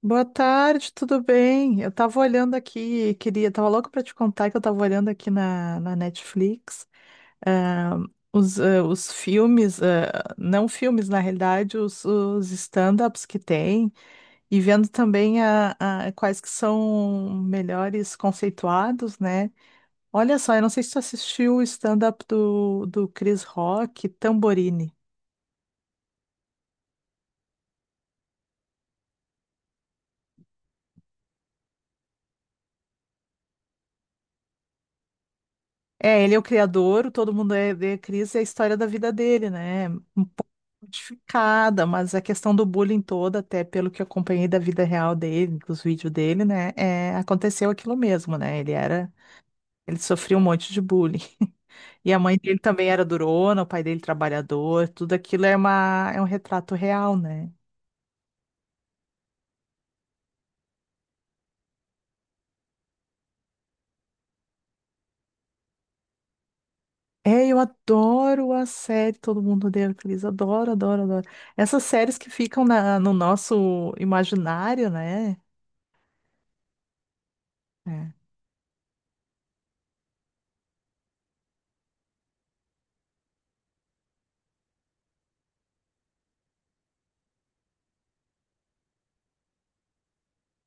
Boa tarde, tudo bem? Eu tava olhando aqui, queria, tava louco pra te contar que eu tava olhando aqui na Netflix, ah, os filmes, não filmes, na realidade, os stand-ups que tem, e vendo também quais que são melhores conceituados, né? Olha só, eu não sei se tu assistiu o stand-up do Chris Rock, Tamborini. É, ele é o criador, todo mundo é Cris, é a história da vida dele, né? Um pouco modificada, mas a questão do bullying toda, até pelo que eu acompanhei da vida real dele, dos vídeos dele, né? É, aconteceu aquilo mesmo, né? Ele sofria um monte de bullying. E a mãe dele também era durona, o pai dele trabalhador, tudo aquilo é um retrato real, né? É, eu adoro a série Todo Mundo Odeia o Chris, adoro, adoro, adoro. Essas séries que ficam no nosso imaginário, né? É.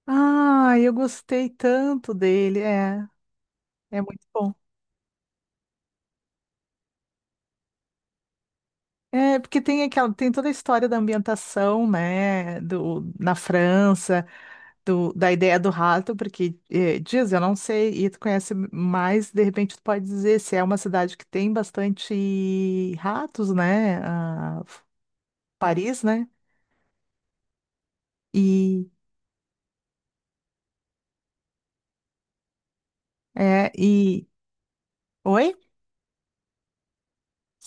Ah, eu gostei tanto dele. É. É muito bom. É, porque tem tem toda a história da ambientação, né, na França, da ideia do rato, porque diz, eu não sei, e tu conhece mais, de repente tu pode dizer se é uma cidade que tem bastante ratos, né, Paris, né, e, é, e, oi?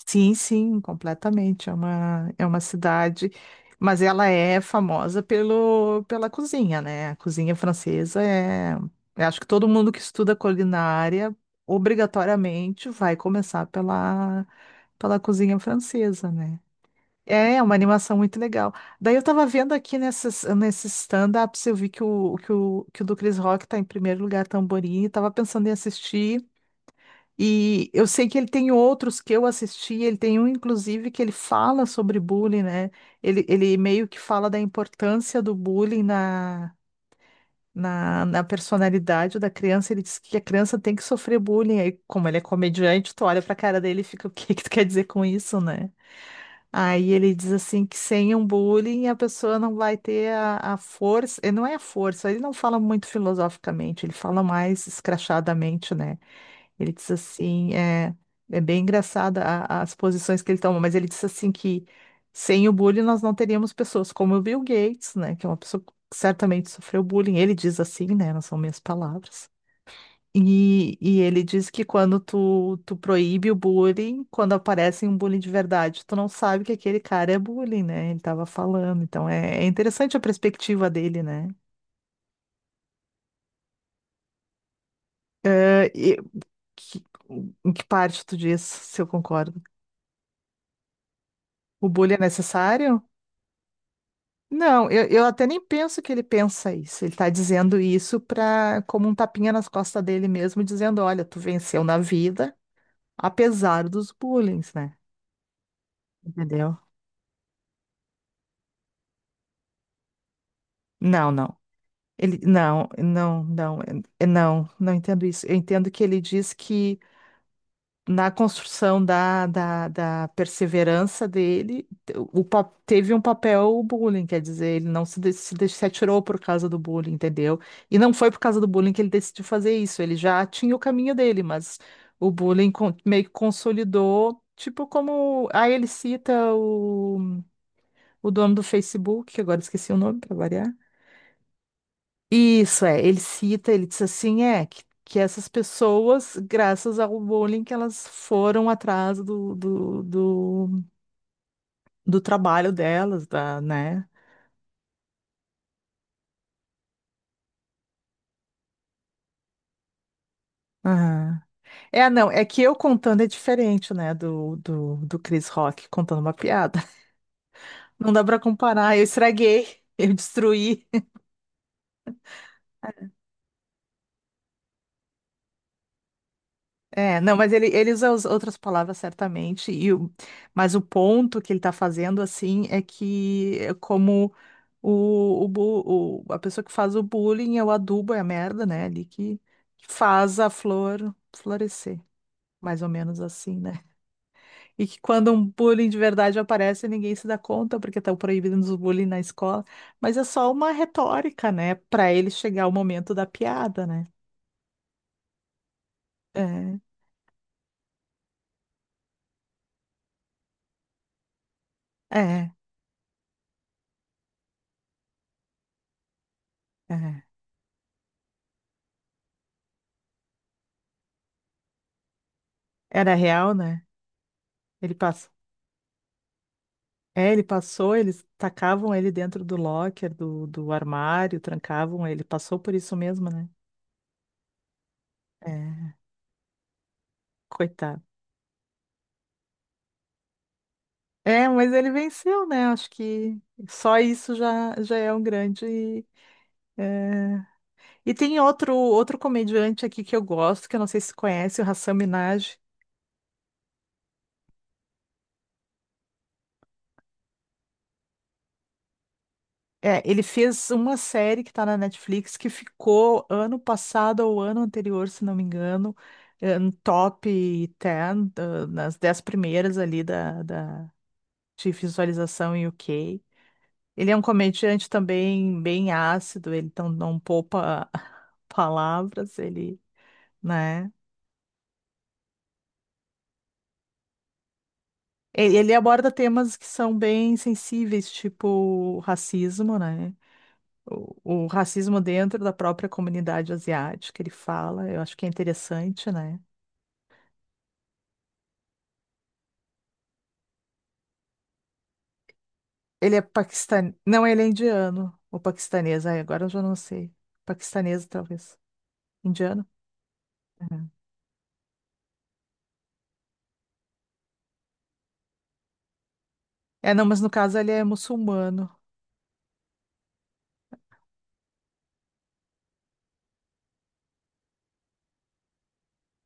Sim, sim, completamente. É uma cidade, mas ela é famosa pela cozinha, né? A cozinha francesa é. Eu acho que todo mundo que estuda culinária obrigatoriamente vai começar pela cozinha francesa, né? É uma animação muito legal. Daí eu tava vendo aqui nesses stand-ups, eu vi que o do Chris Rock tá em primeiro lugar, Tamborim, e tava pensando em assistir. E eu sei que ele tem outros que eu assisti, ele tem um, inclusive, que ele fala sobre bullying, né? Ele meio que fala da importância do bullying na personalidade da criança. Ele diz que a criança tem que sofrer bullying. Aí, como ele é comediante, tu olha pra cara dele e fica: o que que tu quer dizer com isso, né? Aí ele diz assim que sem um bullying a pessoa não vai ter a força, não é a força, ele não fala muito filosoficamente, ele fala mais escrachadamente, né? Ele diz assim, é bem engraçada as posições que ele toma, mas ele diz assim que sem o bullying nós não teríamos pessoas como o Bill Gates, né, que é uma pessoa que certamente sofreu bullying. Ele diz assim, né, não são minhas palavras. E ele diz que quando tu proíbe o bullying, quando aparece um bullying de verdade, tu não sabe que aquele cara é bullying, né? Ele tava falando. Então é interessante a perspectiva dele, né? Eh, e que- Em que parte tu diz se eu concordo? O bullying é necessário? Não, eu até nem penso que ele pensa isso. Ele está dizendo isso para como um tapinha nas costas dele mesmo, dizendo: olha, tu venceu na vida, apesar dos bullying, né? Entendeu? Não, não. Não, não, não, é, não, não entendo isso. Eu entendo que ele diz que na construção da perseverança dele, teve um papel o bullying, quer dizer, ele não se atirou por causa do bullying, entendeu? E não foi por causa do bullying que ele decidiu fazer isso, ele já tinha o caminho dele, mas o bullying meio que consolidou, tipo como... Aí ele cita o dono do Facebook, que agora esqueci o nome para variar, isso é, ele cita, ele diz assim, que essas pessoas, graças ao bullying, que elas foram atrás do trabalho delas, né? Aham. É, não, é que eu contando é diferente, né, do Chris Rock contando uma piada. Não dá pra comparar, eu estraguei, eu destruí. É, não, mas ele usa as outras palavras certamente, mas o ponto que ele tá fazendo, assim, é que é como a pessoa que faz o bullying é o adubo, é a merda, né? Ali que faz a flor florescer. Mais ou menos assim, né? E que quando um bullying de verdade aparece, ninguém se dá conta, porque estão proibindo o bullying na escola. Mas é só uma retórica, né? Para ele chegar ao momento da piada, né? É, é, é. Era real, né? Ele passou. É, ele passou, eles tacavam ele dentro do locker, do armário, trancavam ele. Passou por isso mesmo, né? É, coitado. É, mas ele venceu, né? Acho que só isso já é um grande. É. E tem outro comediante aqui que eu gosto, que eu não sei se conhece, o Hasan Minhaj. É, ele fez uma série que está na Netflix que ficou ano passado ou ano anterior, se não me engano, no top 10 nas 10 primeiras ali de visualização em UK. Ele é um comediante também bem ácido, ele então não poupa palavras, ele né? Ele aborda temas que são bem sensíveis, tipo racismo, né? O racismo dentro da própria comunidade asiática, ele fala, eu acho que é interessante, né? Ele é paquistanês, não, ele é indiano, ou paquistanês, ai, agora eu já não sei. Paquistanês, talvez. Indiano? É, é, não, mas no caso ele é muçulmano.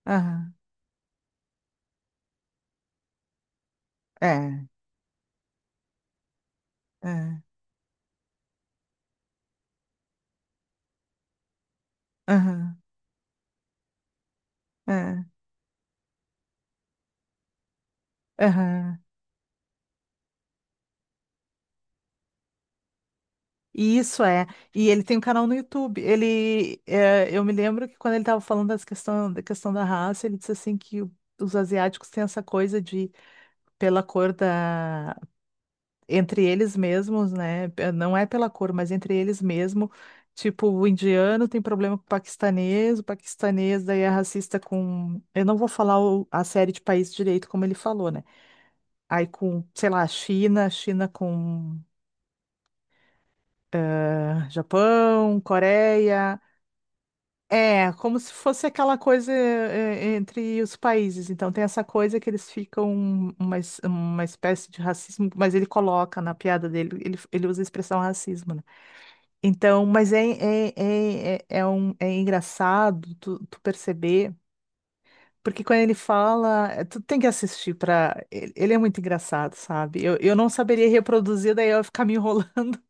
Aham, é, é, aham, é, aham. E isso é. E ele tem um canal no YouTube. Eu me lembro que quando ele estava falando da questão da raça, ele disse assim que os asiáticos têm essa coisa de, pela cor da, entre eles mesmos, né? Não é pela cor, mas entre eles mesmo. Tipo, o indiano tem problema com o paquistanês daí é racista com. Eu não vou falar a série de países direito como ele falou, né? Aí com, sei lá, China, China com, Japão, Coreia. É, como se fosse aquela coisa, entre os países. Então, tem essa coisa que eles ficam uma espécie de racismo, mas ele coloca na piada dele, ele usa a expressão racismo, né? Então, mas é engraçado tu perceber, porque quando ele fala, tu tem que assistir pra. Ele é muito engraçado, sabe? Eu não saberia reproduzir, daí eu ia ficar me enrolando.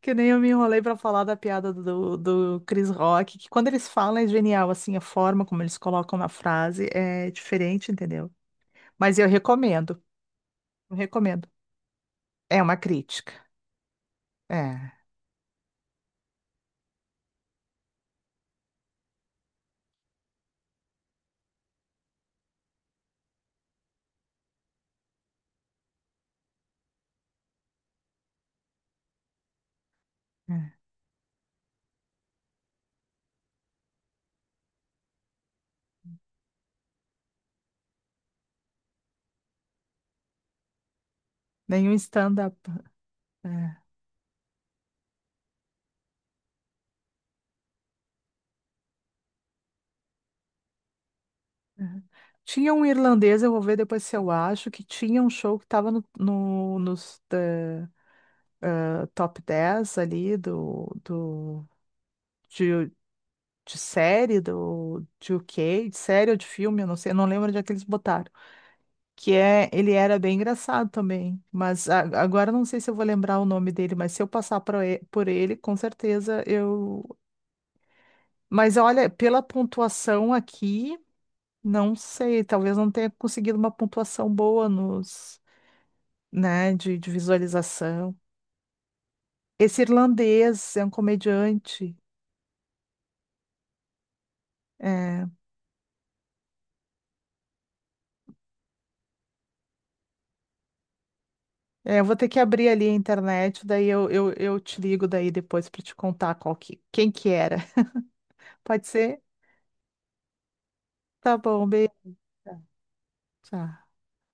Que nem eu me enrolei pra falar da piada do Chris Rock, que quando eles falam é genial, assim, a forma como eles colocam na frase é diferente, entendeu? Mas eu recomendo, eu recomendo. É uma crítica. É, é. Nenhum stand-up. É, é. Tinha um irlandês, eu vou ver depois se eu acho, que tinha um show que estava nos top 10 ali de, de série, de UK, de série ou de filme, eu não sei, eu não lembro onde é que eles botaram. Ele era bem engraçado também, mas agora não sei se eu vou lembrar o nome dele, mas se eu passar por ele, com certeza eu. Mas olha, pela pontuação aqui, não sei, talvez não tenha conseguido uma pontuação boa nos, né, de visualização. Esse irlandês é um comediante. É, é, eu vou ter que abrir ali a internet, daí eu te ligo daí depois para te contar quem que era. Pode ser? Tá bom, beijo. Tchau.